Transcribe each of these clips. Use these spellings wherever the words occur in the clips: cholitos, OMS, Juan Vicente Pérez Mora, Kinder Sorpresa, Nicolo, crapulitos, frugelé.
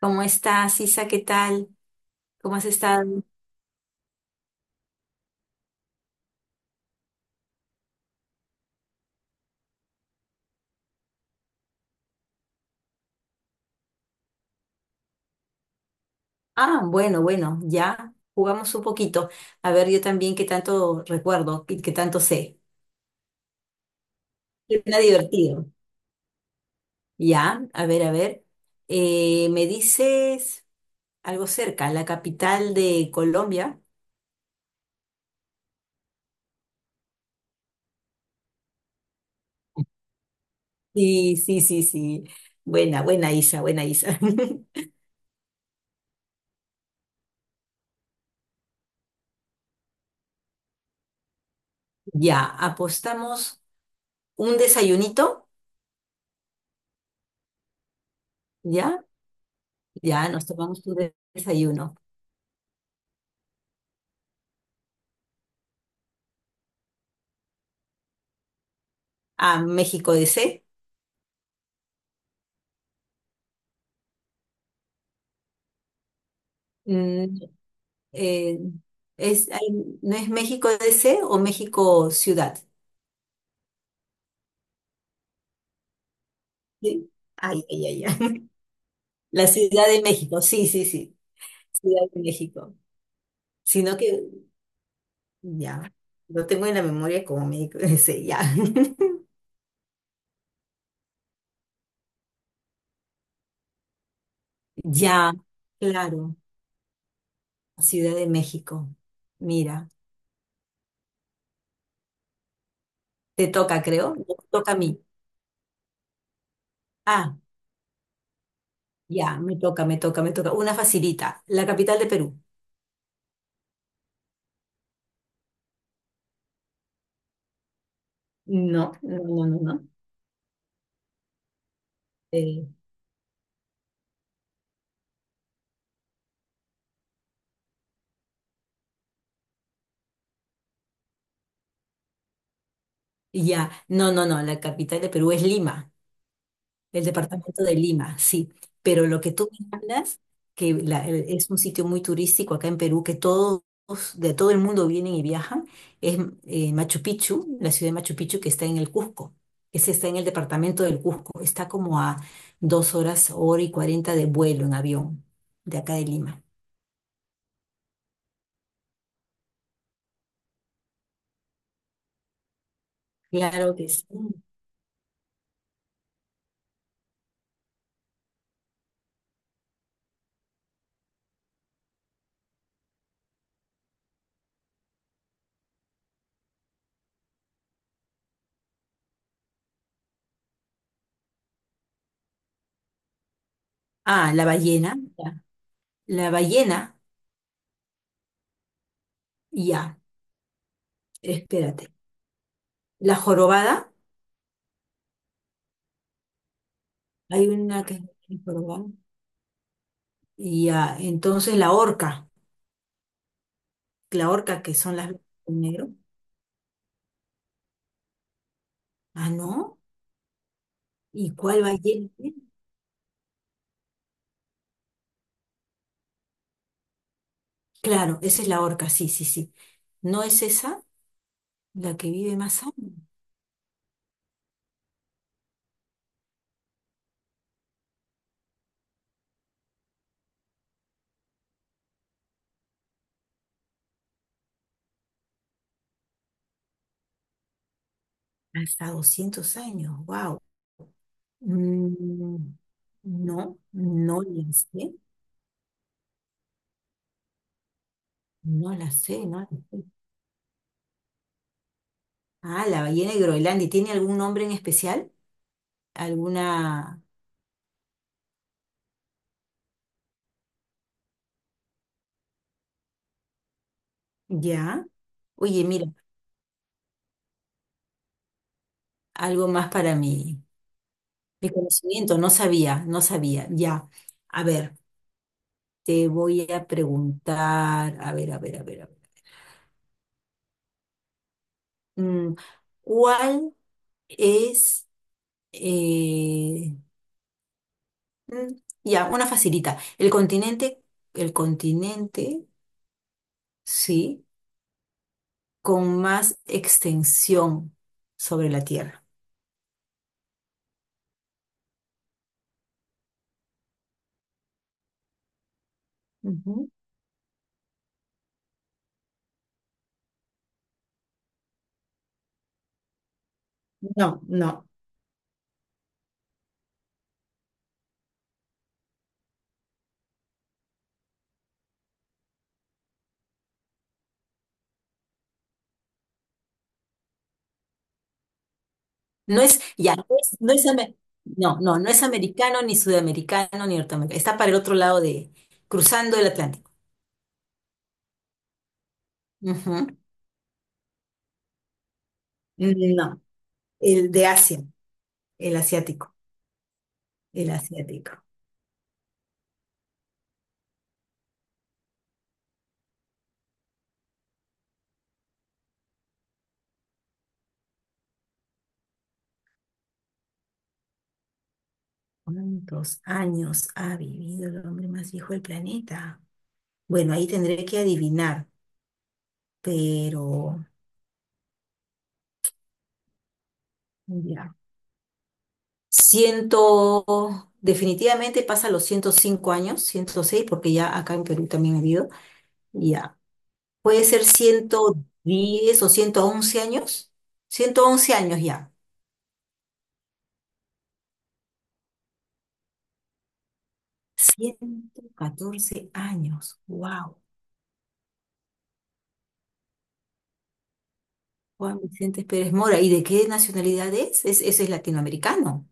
¿Cómo estás, Isa? ¿Qué tal? ¿Cómo has estado? Ah, bueno, bueno, ya jugamos un poquito. A ver, yo también qué tanto recuerdo y qué tanto sé. Suena divertido. Ya, a ver, a ver. ¿Me dices algo cerca, la capital de Colombia? Sí, sí, sí, sí. Buena, buena Isa, buena Isa. Ya, apostamos un desayunito, ¿ya? Ya, nos tomamos un desayuno. A México DC. Eh, es, hay- ¿No es México D. C. o México Ciudad? ¿Sí? Ay, ay, ay, ay. La Ciudad de México, sí, sí, sí. Ciudad de México. Sino que, ya, Lo tengo en la memoria como México D. C. ya. Ya, claro, Ciudad de México. Mira, te toca, creo. Me toca a mí. Ah, ya, me toca, me toca, me toca. Una facilita, la capital de Perú. No, no, no, no, no. Eh, ya, no, no, no, la capital de Perú es Lima. Del departamento de Lima, sí. Pero lo que tú me hablas, es un sitio muy turístico acá en Perú, que todos de todo el mundo vienen y viajan, es Machu Picchu, la ciudad de Machu Picchu que está en el Cusco. Ese está en el departamento del Cusco. Está como a 2 horas, 1 h 40 de vuelo en avión de acá de Lima. Claro que sí. Ah, la ballena. Ya. La ballena, ya. Espérate. La jorobada. Hay una que es jorobada. Y ah, entonces la orca que son las blancas y negro. Ah, no. ¿Y cuál ballena? Claro, esa es la orca, sí, sí, sí. ¿No es esa la que vive más años? Hasta 200 años, wow. No, no la sé, no la sé, no la sé. Ah, la ballena de Groenlandia, ¿tiene algún nombre en especial? ¿Alguna? Ya. Oye, mira, algo más para mi, mi conocimiento, no sabía, no sabía, ya. A ver. Te voy a preguntar, a ver, a ver, a ver, a ver. mm, ¿Cuál es, eh, mm, ya, una facilita, el continente, sí, con más extensión sobre la Tierra? Ujú. No, no, no es, ya, no es, no, no, no es americano, ni sudamericano, ni norteamericano. Está para el otro lado de, cruzando el Atlántico. Ujú. No. El de Asia, el asiático. El asiático. ¿Cuántos años ha vivido el hombre más viejo del planeta? Bueno, ahí tendré que adivinar, pero ya. Ciento, definitivamente pasa los 105 años, 106 porque ya acá en Perú también ha habido. Ya. Puede ser 110 o 111 años. 111 años ya. 114 años. Wow. Juan Vicente Pérez Mora. ¿Y de qué nacionalidad es? Es, ese es latinoamericano.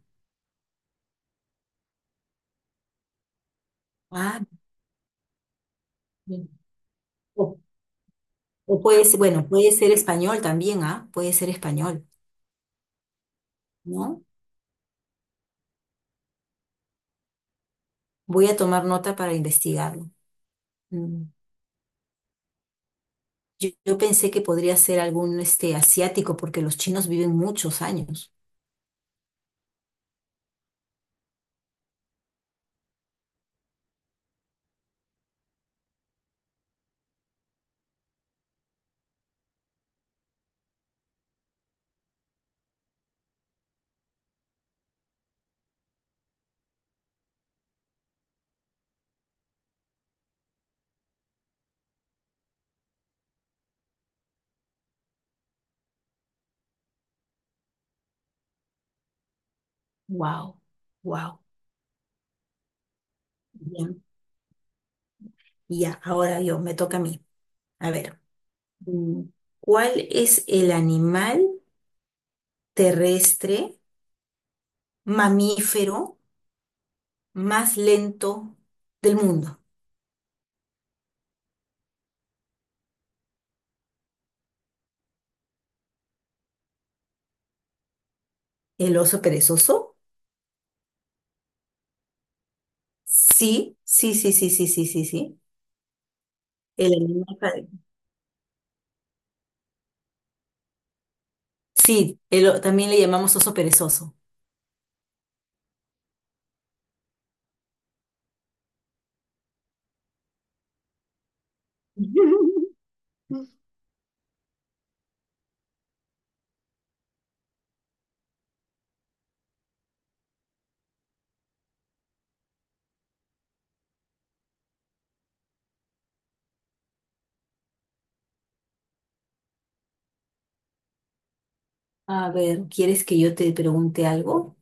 Ah, bien. O, o puede ser, bueno, puede ser español también, ¿ah? Puede ser español, ¿no? Voy a tomar nota para investigarlo. Mm. Yo pensé que podría ser algún este, asiático, porque los chinos viven muchos años. Wow, wow. Bien. Y ya, ahora yo, me toca a mí. A ver, mm, ¿cuál es el animal terrestre mamífero más lento del mundo? ¿El oso perezoso? Sí, sí, sí, sí, sí, sí, sí, sí. El animal padre. Sí, el también le llamamos oso perezoso. A ver, ¿quieres que yo te pregunte algo?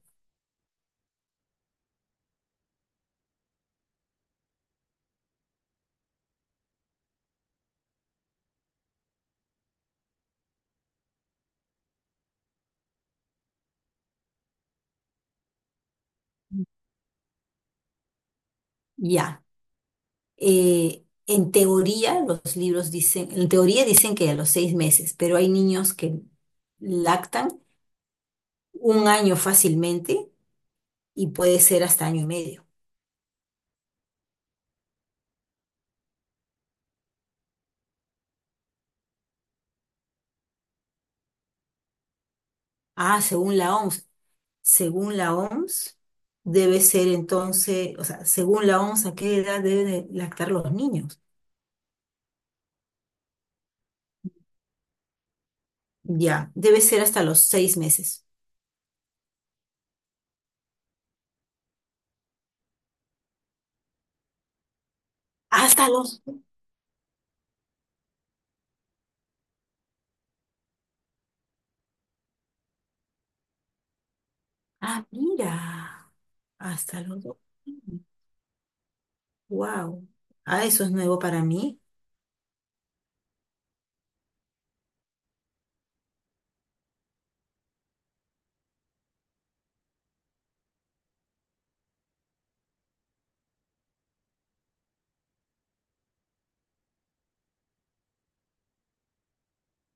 Ya. En teoría, los libros dicen, en teoría dicen que a los 6 meses, pero hay niños que lactan 1 año fácilmente y puede ser hasta año y medio. Ah, según la OMS. Según la OMS, debe ser entonces, o sea, según la OMS, ¿a qué edad deben de lactar los niños? Ya, debe ser hasta los 6 meses. Hasta los... Ah, mira, hasta los dos. Wow. Ah, eso es nuevo para mí.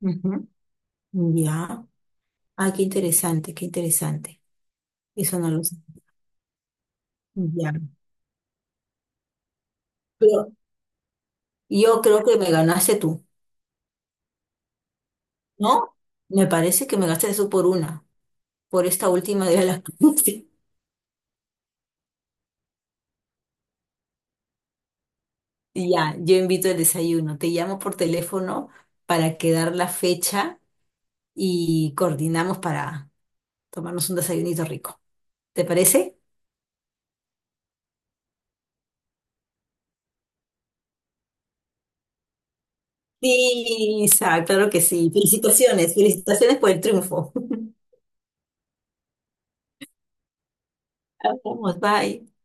Ujú. Ya. Ah, qué interesante, qué interesante. Eso no lo sé. Ya. Pero yo creo que me ganaste tú, ¿no? Me parece que me gastaste tú por una, por esta última de la clase. Ya, yo invito el desayuno. Te llamo por teléfono para quedar la fecha y coordinamos para tomarnos un desayunito rico. ¿Te parece? Sí, Isa, claro que sí. Felicitaciones, felicitaciones por el triunfo. Vamos, bye.